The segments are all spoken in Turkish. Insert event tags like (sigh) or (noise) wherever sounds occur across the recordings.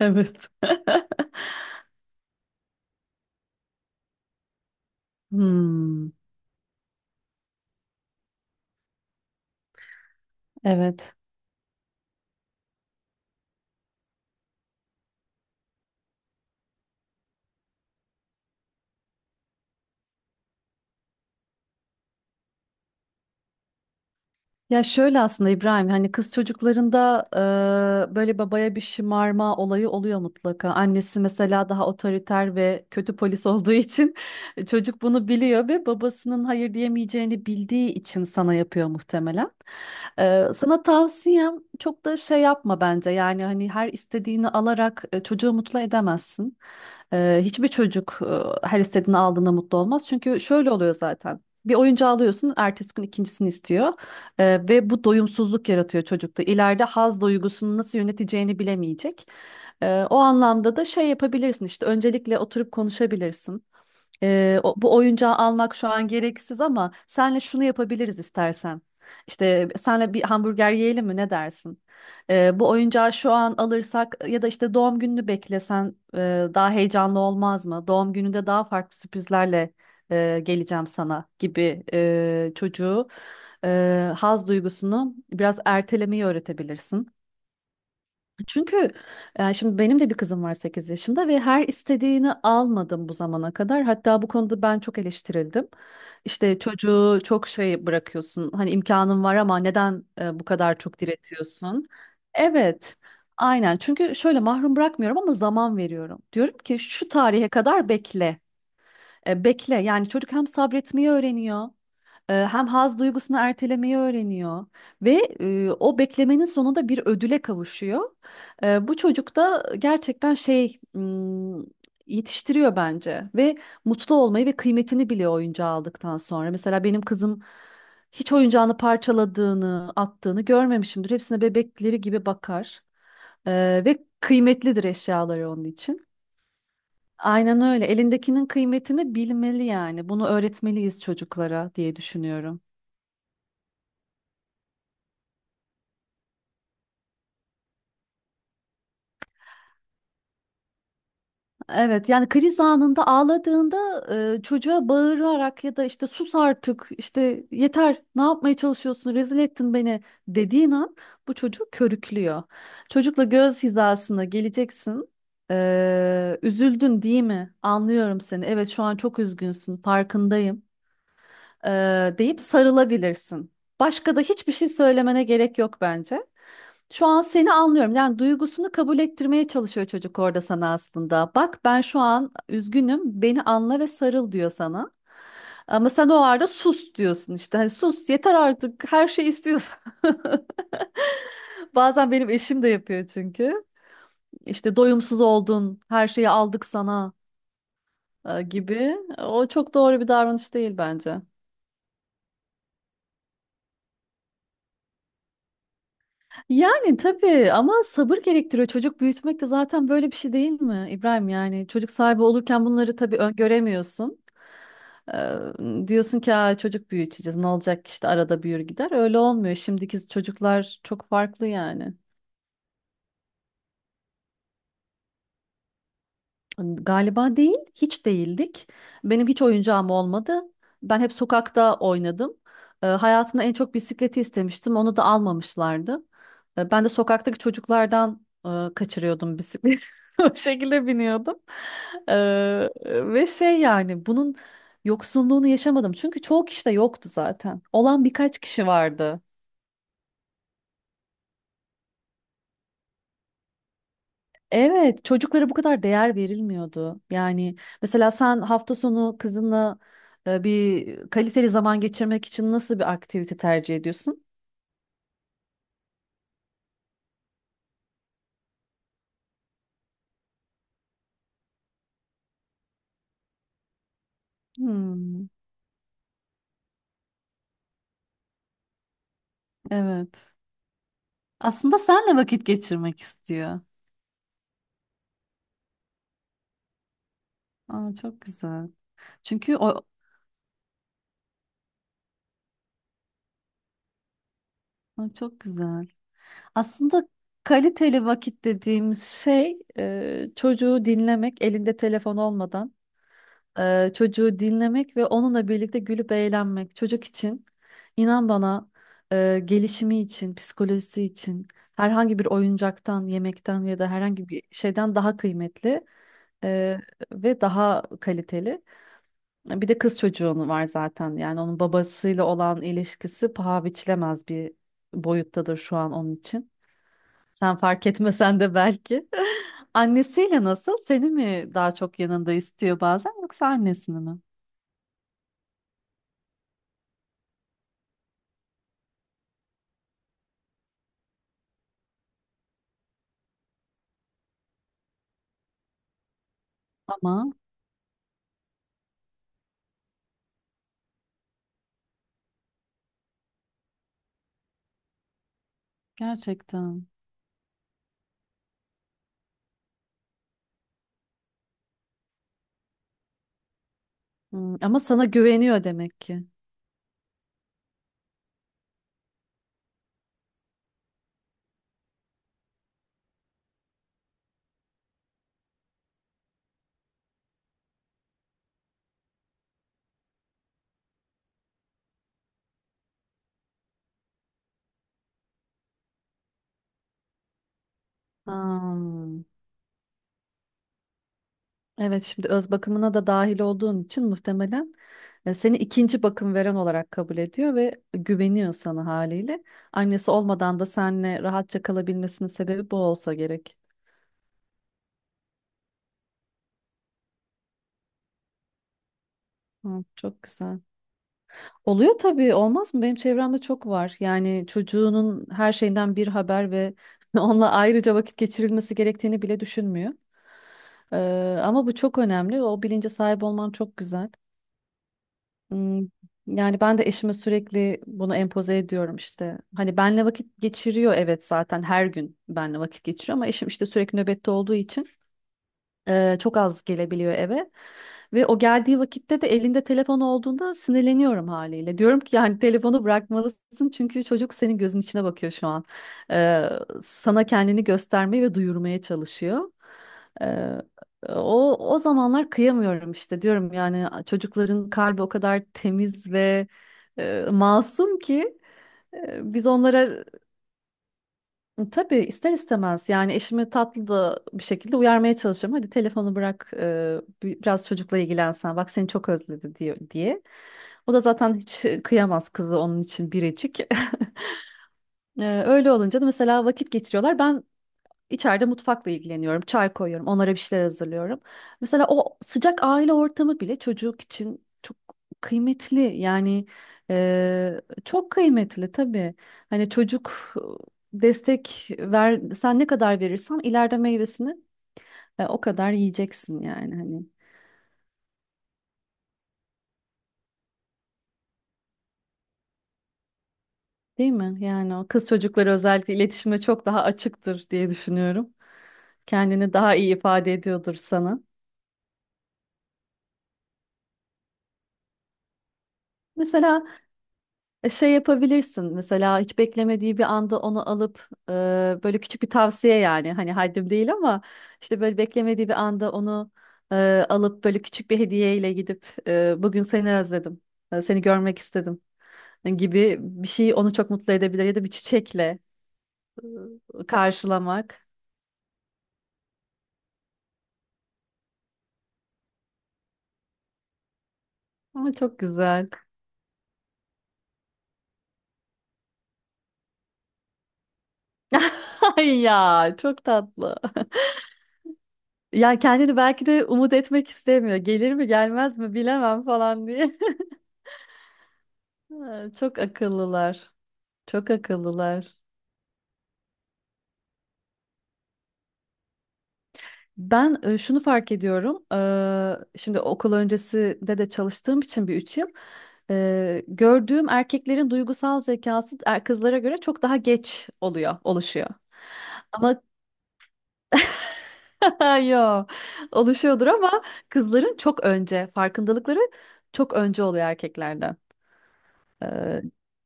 Evet. (laughs) Hmm, evet. Ya şöyle aslında İbrahim hani kız çocuklarında böyle babaya bir şımarma olayı oluyor mutlaka. Annesi mesela daha otoriter ve kötü polis olduğu için (laughs) çocuk bunu biliyor ve babasının hayır diyemeyeceğini bildiği için sana yapıyor muhtemelen. Sana tavsiyem çok da şey yapma bence yani hani her istediğini alarak çocuğu mutlu edemezsin. Hiçbir çocuk her istediğini aldığında mutlu olmaz. Çünkü şöyle oluyor zaten. Bir oyuncağı alıyorsun, ertesi gün ikincisini istiyor, ve bu doyumsuzluk yaratıyor çocukta. İleride haz duygusunu nasıl yöneteceğini bilemeyecek. O anlamda da şey yapabilirsin işte öncelikle oturup konuşabilirsin. Bu oyuncağı almak şu an gereksiz ama senle şunu yapabiliriz istersen. İşte senle bir hamburger yiyelim mi ne dersin? Bu oyuncağı şu an alırsak ya da işte doğum gününü beklesen daha heyecanlı olmaz mı? Doğum gününde daha farklı sürprizlerle geleceğim sana gibi çocuğu haz duygusunu biraz ertelemeyi öğretebilirsin. Çünkü yani şimdi benim de bir kızım var 8 yaşında ve her istediğini almadım bu zamana kadar. Hatta bu konuda ben çok eleştirildim. İşte çocuğu çok şey bırakıyorsun. Hani imkanın var ama neden bu kadar çok diretiyorsun? Evet. Aynen. Çünkü şöyle mahrum bırakmıyorum ama zaman veriyorum. Diyorum ki şu tarihe kadar bekle. Bekle. Yani çocuk hem sabretmeyi öğreniyor. Hem haz duygusunu ertelemeyi öğreniyor ve o beklemenin sonunda bir ödüle kavuşuyor. Bu çocuk da gerçekten yetiştiriyor bence ve mutlu olmayı ve kıymetini biliyor oyuncağı aldıktan sonra. Mesela benim kızım hiç oyuncağını parçaladığını, attığını görmemişimdir. Hepsine bebekleri gibi bakar E, ve kıymetlidir eşyaları onun için. Aynen öyle. Elindekinin kıymetini bilmeli yani. Bunu öğretmeliyiz çocuklara diye düşünüyorum. Evet yani kriz anında ağladığında çocuğa bağırarak ya da işte sus artık işte yeter ne yapmaya çalışıyorsun rezil ettin beni dediğin an bu çocuğu körüklüyor. Çocukla göz hizasına geleceksin. Üzüldün değil mi? Anlıyorum seni. Evet şu an çok üzgünsün farkındayım, e, deyip sarılabilirsin. Başka da hiçbir şey söylemene gerek yok bence. Şu an seni anlıyorum. Yani duygusunu kabul ettirmeye çalışıyor çocuk orada sana aslında. Bak ben şu an üzgünüm, beni anla ve sarıl diyor sana. Ama sen o arada sus diyorsun işte. Hani sus yeter artık her şey istiyorsun. (laughs) Bazen benim eşim de yapıyor çünkü. İşte doyumsuz oldun, her şeyi aldık sana gibi. O çok doğru bir davranış değil bence. Yani tabii ama sabır gerektiriyor. Çocuk büyütmek de zaten böyle bir şey değil mi İbrahim? Yani çocuk sahibi olurken bunları tabii öngöremiyorsun. Diyorsun ki "Aa, çocuk büyüteceğiz ne olacak ki işte arada büyür gider." Öyle olmuyor. Şimdiki çocuklar çok farklı yani. Galiba değil, hiç değildik. Benim hiç oyuncağım olmadı. Ben hep sokakta oynadım. Hayatımda en çok bisikleti istemiştim. Onu da almamışlardı. Ben de sokaktaki çocuklardan kaçırıyordum bisikleti. (laughs) O şekilde biniyordum. E, Ve şey yani bunun yoksunluğunu yaşamadım. Çünkü çoğu kişi de yoktu zaten. Olan birkaç kişi vardı. Evet, çocuklara bu kadar değer verilmiyordu. Yani mesela sen hafta sonu kızınla bir kaliteli zaman geçirmek için nasıl bir aktivite tercih ediyorsun? Hmm, evet. Aslında senle vakit geçirmek istiyor. Aa, çok güzel. Çünkü o. Aa, çok güzel. Aslında kaliteli vakit dediğimiz şey çocuğu dinlemek elinde telefon olmadan. Çocuğu dinlemek ve onunla birlikte gülüp eğlenmek çocuk için inan bana, gelişimi için, psikolojisi için herhangi bir oyuncaktan, yemekten ya da herhangi bir şeyden daha kıymetli e, ve daha kaliteli. Bir de kız çocuğunu var zaten yani onun babasıyla olan ilişkisi paha biçilemez bir boyuttadır şu an onun için. Sen fark etmesen de belki. (laughs) Annesiyle nasıl? Seni mi daha çok yanında istiyor bazen yoksa annesini mi? Ama. Gerçekten. Hmm, ama sana güveniyor demek ki. Hmm. Evet şimdi öz bakımına da dahil olduğun için muhtemelen seni ikinci bakım veren olarak kabul ediyor ve güveniyor sana haliyle. Annesi olmadan da seninle rahatça kalabilmesinin sebebi bu olsa gerek. Hmm, çok güzel. Oluyor tabii olmaz mı? Benim çevremde çok var. Yani çocuğunun her şeyden bir haber ve (laughs) onunla ayrıca vakit geçirilmesi gerektiğini bile düşünmüyor. Ee, Ama bu çok önemli. O bilince sahip olman çok güzel. Hmm, yani ben de eşime sürekli bunu empoze ediyorum işte. Hani benle vakit geçiriyor, evet, zaten her gün benle vakit geçiriyor ama eşim işte sürekli nöbette olduğu için çok az gelebiliyor eve. Ve o geldiği vakitte de elinde telefon olduğunda sinirleniyorum haliyle. Diyorum ki yani telefonu bırakmalısın çünkü çocuk senin gözün içine bakıyor şu an. Sana kendini göstermeye ve duyurmaya çalışıyor. Eee, O o zamanlar kıyamıyorum işte diyorum yani çocukların kalbi o kadar temiz ve masum ki biz onlara. Tabii ister istemez yani eşimi tatlı da bir şekilde uyarmaya çalışıyorum. Hadi telefonu bırak, biraz çocukla ilgilensen bak seni çok özledi diyor diye. O da zaten hiç kıyamaz, kızı onun için biricik. (laughs) Öyle olunca da mesela vakit geçiriyorlar. Ben İçeride mutfakla ilgileniyorum. Çay koyuyorum. Onlara bir şeyler hazırlıyorum. Mesela o sıcak aile ortamı bile çocuk için çok kıymetli. Yani çok kıymetli tabii. Hani çocuk, destek ver, sen ne kadar verirsen ileride meyvesini o kadar yiyeceksin yani hani. Değil mi? Yani o kız çocukları özellikle iletişime çok daha açıktır diye düşünüyorum. Kendini daha iyi ifade ediyordur sana. Mesela şey yapabilirsin mesela hiç beklemediği bir anda onu alıp, böyle küçük bir tavsiye yani hani haddim değil ama işte böyle beklemediği bir anda onu e, alıp böyle küçük bir hediyeyle gidip, bugün seni özledim, seni görmek istedim gibi bir şey onu çok mutlu edebilir ya da bir çiçekle karşılamak, ama çok güzel. (laughs) Ay ya çok tatlı. Ya kendini belki de umut etmek istemiyor. Gelir mi gelmez mi bilemem falan diye. Ha, çok akıllılar. Çok akıllılar. Ben şunu fark ediyorum. Şimdi okul öncesinde de çalıştığım için bir 3 yıl. Gördüğüm erkeklerin duygusal zekası, kızlara göre çok daha geç oluyor, oluşuyor. Ama (laughs) yo, oluşuyordur ama kızların çok önce farkındalıkları çok önce oluyor erkeklerden. E,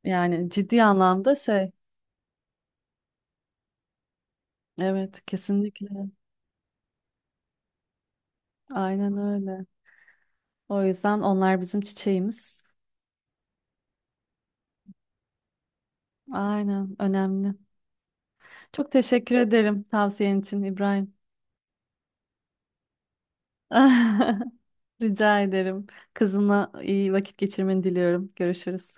Yani ciddi anlamda şey. Evet, kesinlikle. Aynen öyle. O yüzden onlar bizim çiçeğimiz. Aynen, önemli. Çok teşekkür ederim tavsiyen için İbrahim. (laughs) Rica ederim. Kızına iyi vakit geçirmeni diliyorum. Görüşürüz.